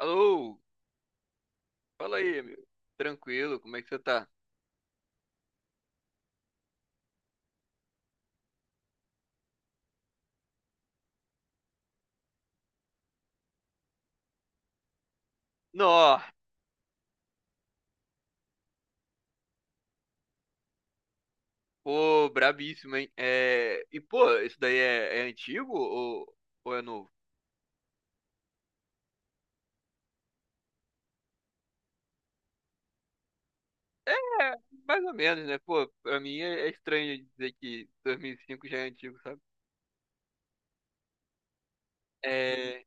Alô, fala aí, meu. Tranquilo, como é que você tá? Nó, pô, brabíssimo, hein? Pô, isso daí é antigo ou é novo? É, mais ou menos, né? Pô, pra mim é estranho dizer que 2005 já é antigo, sabe? É...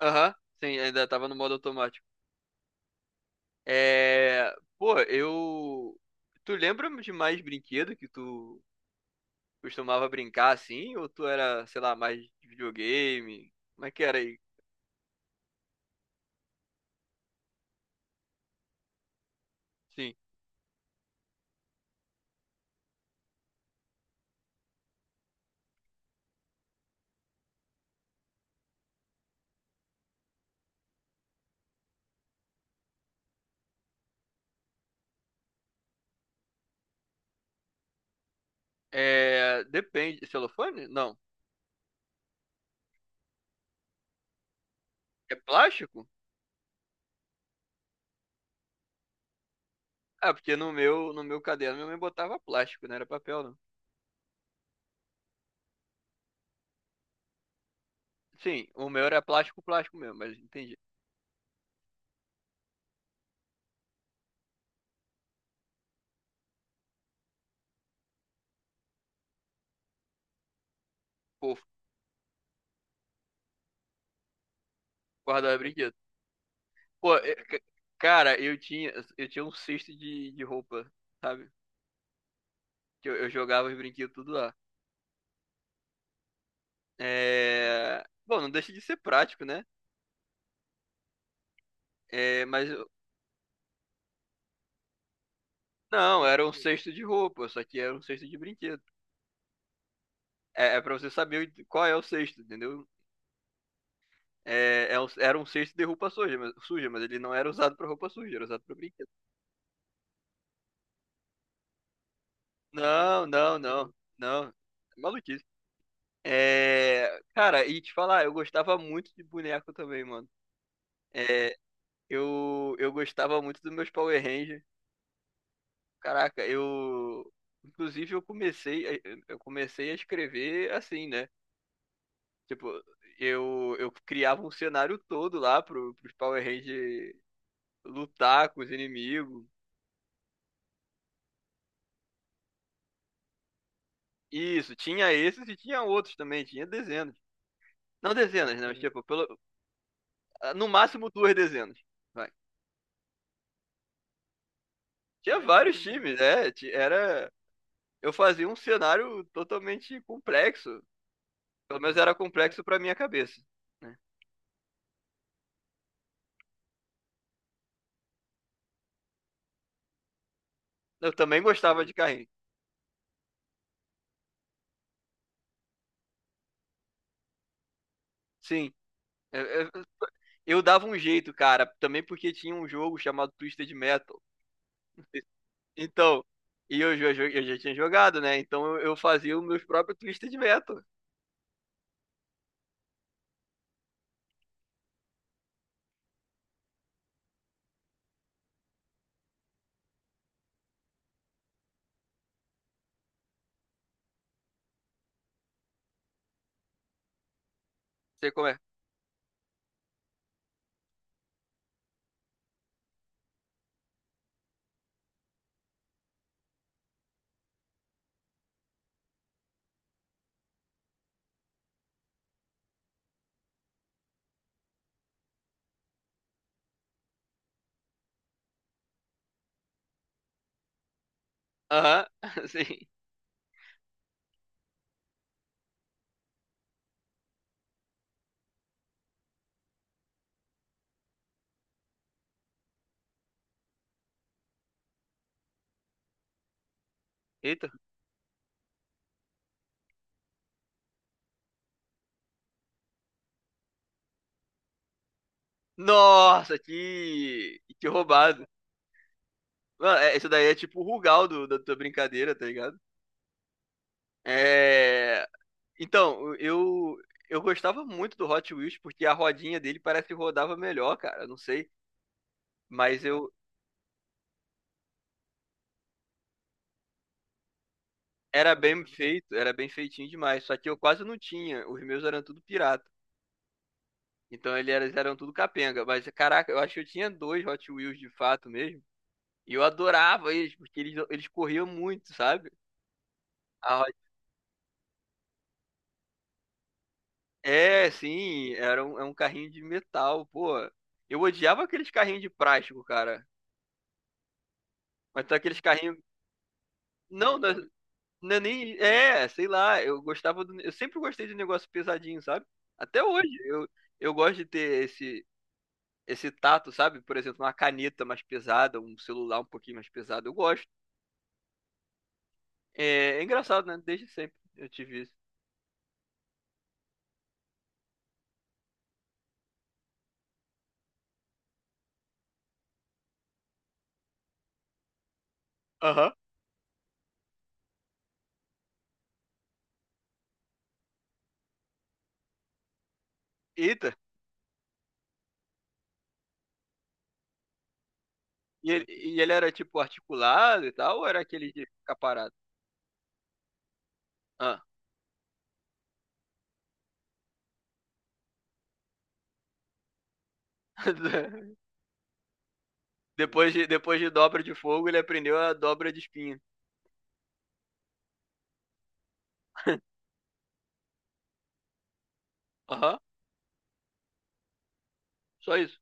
Aham, sim, ainda tava no modo automático. É... Pô, eu... Tu lembra de mais brinquedo que tu costumava brincar assim? Ou tu era, sei lá, mais de videogame? Como é que era aí? Sim. É, depende. Celofane? Não. É plástico? Ah, porque no meu, no meu caderno minha mãe botava plástico, não era papel, não. Sim, o meu era plástico, plástico mesmo, mas entendi. Pô, guardava brinquedo. Pô, é, c- cara, eu tinha um cesto de roupa, sabe? Que eu jogava os brinquedos tudo lá. É... Bom, não deixa de ser prático, né? É, mas eu- não, era um cesto de roupa, só que era um cesto de brinquedo. É, é pra você saber qual é o cesto, entendeu? Era um cesto de roupa suja, mas ele não era usado pra roupa suja, era usado pra brinquedo. Não, não, não, não. É maluquice. É, cara, e te falar, eu gostava muito de boneco também, mano. É, eu gostava muito dos meus Power Rangers. Caraca, eu. Inclusive, eu comecei a escrever assim, né? Tipo, eu criava um cenário todo lá pros Power Rangers lutar com os inimigos. Isso, tinha esses e tinha outros também, tinha dezenas. Não dezenas, não. Mas, tipo, pelo, ah, no máximo duas dezenas. Vai. Tinha vários times, né? Eu fazia um cenário totalmente complexo. Pelo menos era complexo pra minha cabeça, né? Eu também gostava de carrinho. Sim. Eu, eu- eu dava um jeito, cara, também porque tinha um jogo chamado Twisted Metal. Então, eu já tinha jogado, né? Então eu fazia os meus próprios Twisted Metal. Sei como é. Aham, sim. Eita. Nossa, que. Que roubado. Mano, isso daí é tipo o Rugal da tua brincadeira, tá ligado? É. Então, eu. Eu gostava muito do Hot Wheels porque a rodinha dele parece que rodava melhor, cara. Não sei. Mas eu. Era bem feito, era bem feitinho demais. Só que eu quase não tinha. Os meus eram tudo pirata. Eles eram tudo capenga. Mas, caraca, eu acho que eu tinha dois Hot Wheels de fato mesmo. E eu adorava eles, porque eles corriam muito, sabe? É um carrinho de metal, pô. Eu odiava aqueles carrinhos de plástico, cara. Mas tá aqueles carrinhos. Não, não, não é nem. É, sei lá, eu gostava do. Eu sempre gostei de negócio pesadinho, sabe? Até hoje. Eu gosto de ter esse, esse tato, sabe? Por exemplo, uma caneta mais pesada, um celular um pouquinho mais pesado. Eu gosto. É, é engraçado, né? Desde sempre eu tive isso. Aham. Eita. E ele era tipo articulado e tal, ou era aquele de ficar parado? Ah. Depois de dobra de fogo, ele aprendeu a dobra de espinha. Aham, só isso.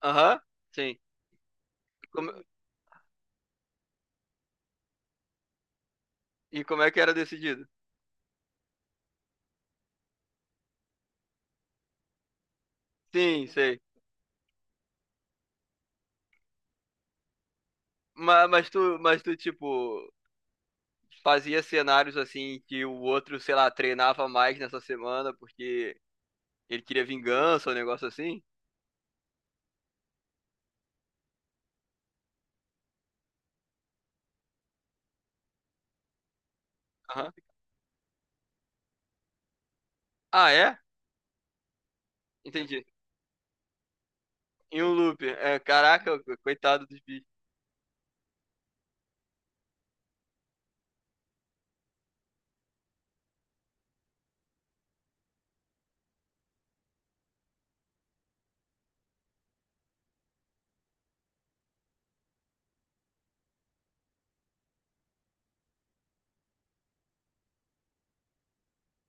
Aham, sim. E como, e como é que era decidido? Sim, sei. Tipo, fazia cenários assim que o outro, sei lá, treinava mais nessa semana porque ele queria vingança, um negócio assim? Aham. Ah, é? Entendi. Em um loop. É, caraca, coitado dos bichos.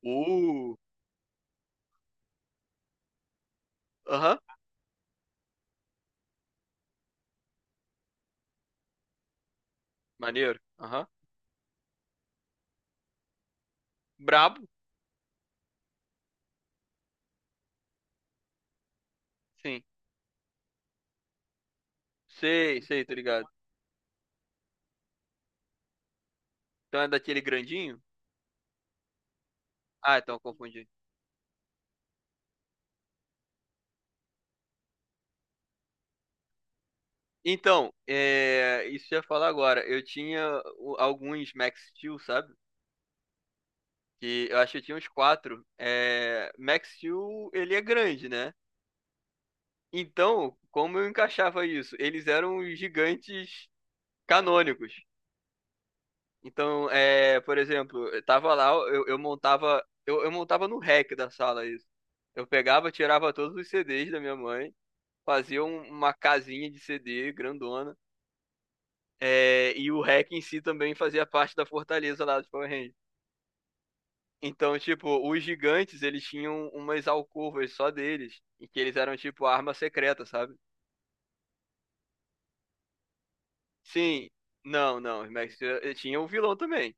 Uh, aham. Maneiro. Aham. Brabo? Sim. Sei, sei, tô ligado. Então é daquele grandinho? Ah, então eu confundi. Então, é, isso que eu ia falar agora. Alguns Max Steel, sabe? Que eu acho que eu tinha uns quatro. É, Max Steel, ele é grande, né? Então, como eu encaixava isso? Eles eram os gigantes canônicos. Então, é, por exemplo, eu tava lá, eu montava no rack da sala isso. Eu pegava, tirava todos os CDs da minha mãe, fazia uma casinha de CD grandona. É, e o Hack em si também fazia parte da fortaleza lá dos Power Rangers. Então, tipo, os gigantes, eles tinham umas alcovas só deles, em que eles eram, tipo, arma secreta, sabe? Sim, não, não, os Max Steel tinha um vilão também,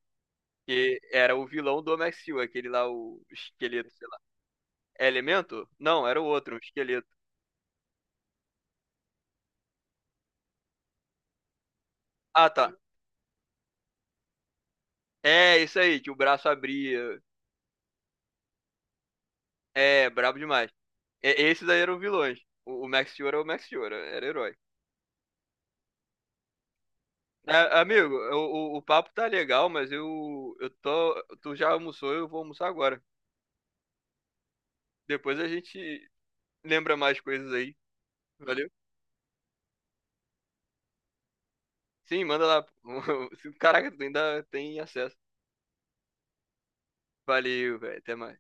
que era o vilão do Max Steel, aquele lá, o esqueleto, sei lá. É Elemento? Não, era o outro, o esqueleto. Ah, tá. É, isso aí, que o braço abria. É, brabo demais. É, esses aí eram vilões. O Max Steel era o Max Steel, era herói. É, amigo, o papo tá legal, mas eu tô. Tu já almoçou, eu vou almoçar agora. Depois a gente lembra mais coisas aí. Valeu? Sim, manda lá. Caraca, tu ainda tem acesso. Valeu, velho. Até mais.